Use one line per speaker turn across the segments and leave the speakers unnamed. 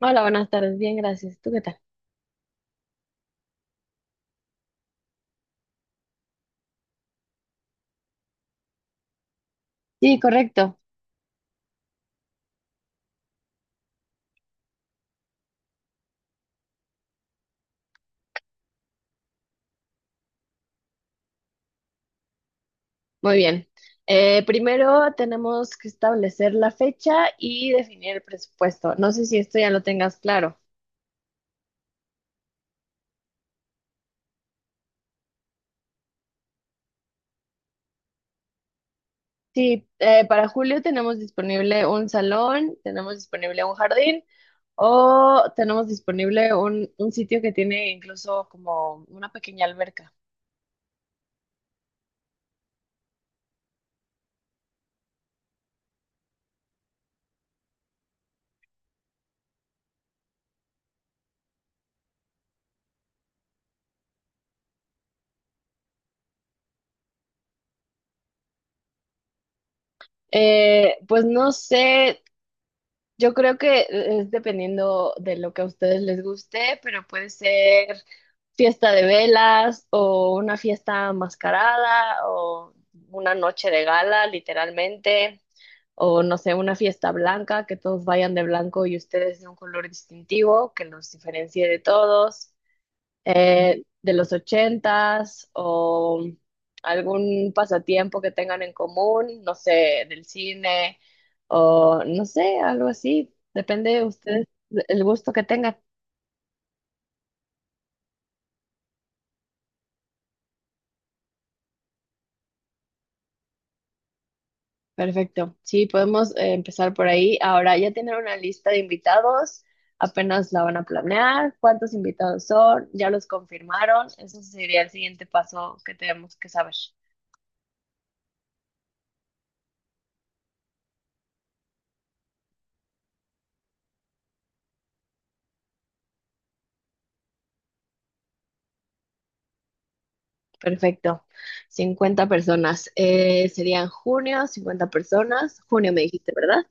Hola, buenas tardes. Bien, gracias. ¿Tú qué tal? Sí, correcto. Muy bien. Primero tenemos que establecer la fecha y definir el presupuesto. No sé si esto ya lo tengas claro. Sí, para julio tenemos disponible un salón, tenemos disponible un jardín o tenemos disponible un sitio que tiene incluso como una pequeña alberca. Pues no sé, yo creo que es dependiendo de lo que a ustedes les guste, pero puede ser fiesta de velas o una fiesta mascarada o una noche de gala, literalmente, o no sé, una fiesta blanca, que todos vayan de blanco y ustedes de un color distintivo que los diferencie de todos, de los ochentas o algún pasatiempo que tengan en común, no sé, del cine o no sé, algo así. Depende de ustedes, el gusto que tengan. Perfecto. Sí, podemos empezar por ahí. Ahora, ya tienen una lista de invitados, apenas la van a planear, cuántos invitados son, ya los confirmaron. Eso sería el siguiente paso que tenemos que saber. Perfecto. 50 personas. Serían junio, 50 personas. Junio me dijiste, ¿verdad?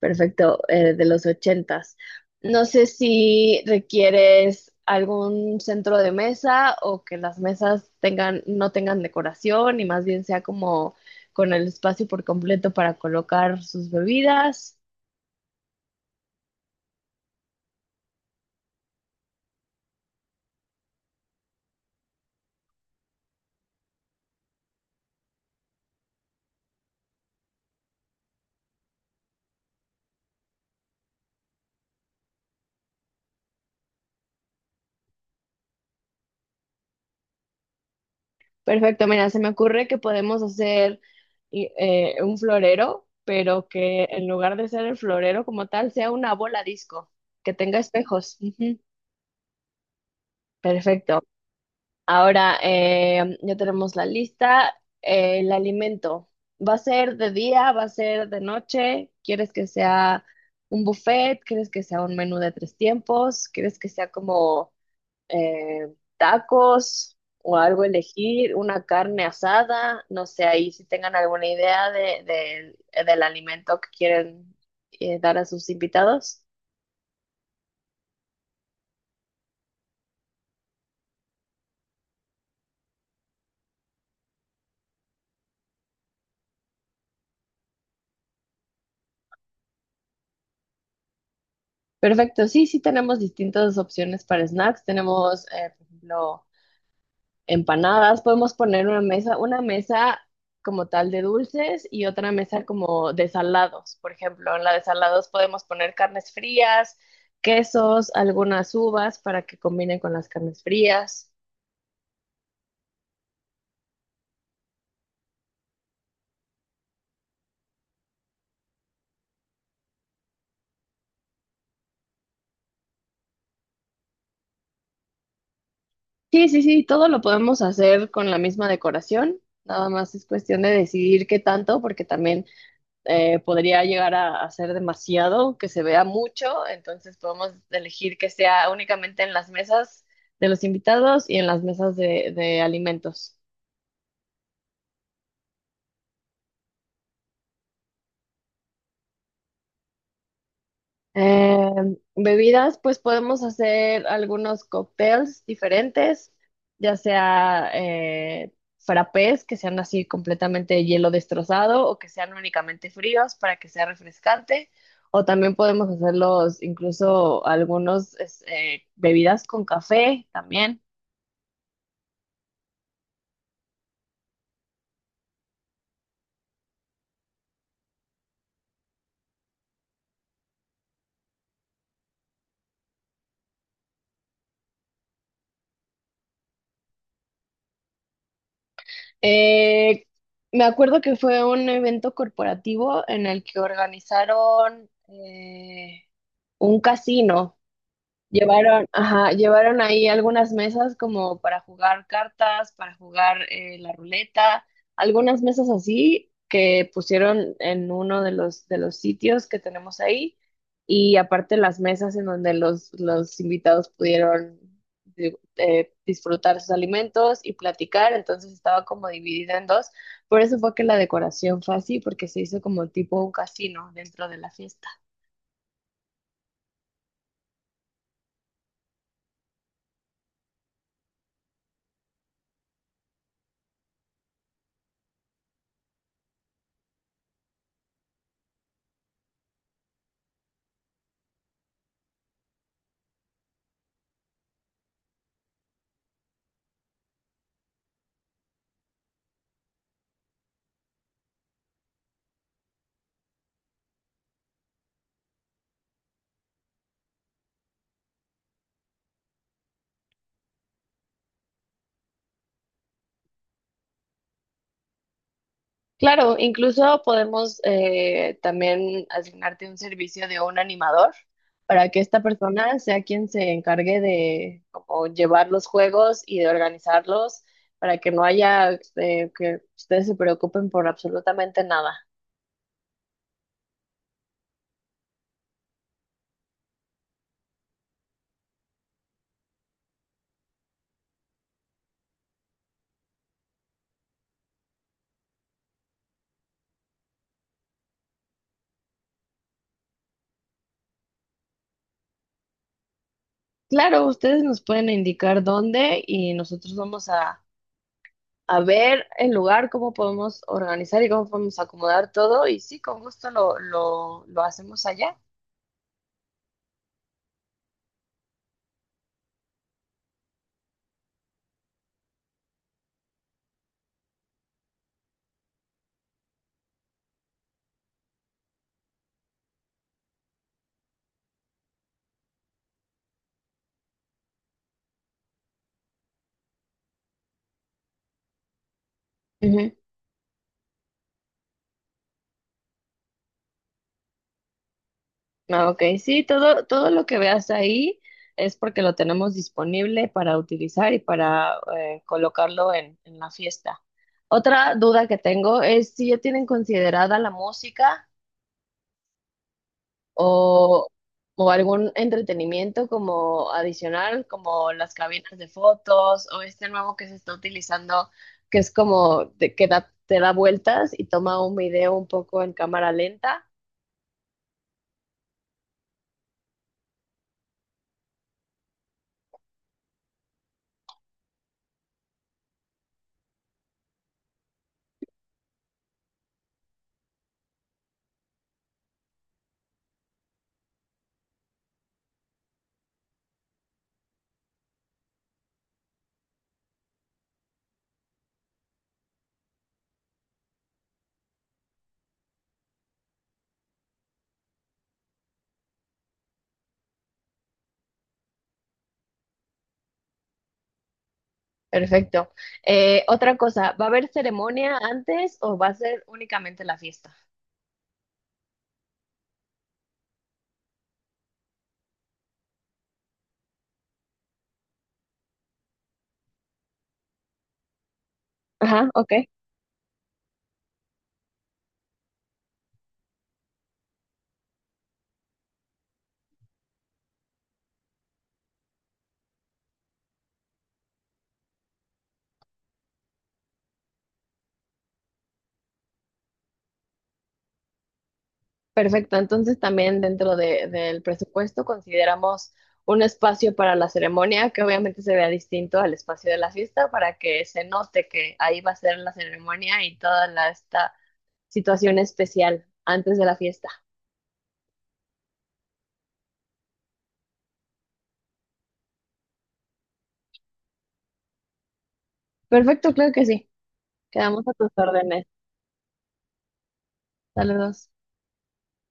Perfecto, de los ochentas. No sé si requieres algún centro de mesa o que las mesas tengan, no tengan decoración y más bien sea como con el espacio por completo para colocar sus bebidas. Perfecto, mira, se me ocurre que podemos hacer un florero, pero que en lugar de ser el florero como tal, sea una bola disco, que tenga espejos. Ujú. Perfecto. Ahora, ya tenemos la lista. El alimento. ¿Va a ser de día? ¿Va a ser de noche? ¿Quieres que sea un buffet? ¿Quieres que sea un menú de tres tiempos? ¿Quieres que sea como tacos o algo, elegir una carne asada, no sé, ahí si tengan alguna idea de, del alimento que quieren dar a sus invitados. Perfecto, sí, sí tenemos distintas opciones para snacks. Tenemos, por ejemplo, empanadas, podemos poner una mesa como tal de dulces y otra mesa como de salados. Por ejemplo, en la de salados podemos poner carnes frías, quesos, algunas uvas para que combinen con las carnes frías. Sí, sí, sí, todo lo podemos hacer con la misma decoración. Nada más es cuestión de decidir qué tanto, porque también podría llegar a ser demasiado, que se vea mucho, entonces podemos elegir que sea únicamente en las mesas de los invitados y en las mesas de alimentos. Eh, bebidas, pues podemos hacer algunos cócteles diferentes, ya sea frappés, que sean así completamente hielo destrozado o que sean únicamente fríos para que sea refrescante, o también podemos hacerlos incluso algunos bebidas con café también. Eh, me acuerdo que fue un evento corporativo en el que organizaron un casino. Llevaron, ajá, llevaron ahí algunas mesas como para jugar cartas, para jugar la ruleta, algunas mesas así que pusieron en uno de los sitios que tenemos ahí y aparte las mesas en donde los invitados pudieron disfrutar sus alimentos y platicar, entonces estaba como dividida en dos, por eso fue que la decoración fue así, porque se hizo como tipo un casino dentro de la fiesta. Claro, incluso podemos también asignarte un servicio de un animador para que esta persona sea quien se encargue de, como, llevar los juegos y de organizarlos para que no haya que ustedes se preocupen por absolutamente nada. Claro, ustedes nos pueden indicar dónde y nosotros vamos a ver el lugar, cómo podemos organizar y cómo podemos acomodar todo y sí, con gusto lo hacemos allá. Ujú. Ah, ok, sí, todo, todo lo que veas ahí es porque lo tenemos disponible para utilizar y para colocarlo en la fiesta. Otra duda que tengo es si ya tienen considerada la música o, o algún entretenimiento como adicional, como las cabinas de fotos o este nuevo que se está utilizando, que es como te da vueltas y toma un video un poco en cámara lenta. Perfecto. Otra cosa, ¿va a haber ceremonia antes o va a ser únicamente la fiesta? Ajá, ok. Perfecto. Entonces también dentro del presupuesto consideramos un espacio para la ceremonia que obviamente se vea distinto al espacio de la fiesta para que se note que ahí va a ser la ceremonia y toda la, esta situación especial antes de la fiesta. Perfecto, claro que sí. Quedamos a tus órdenes. Saludos.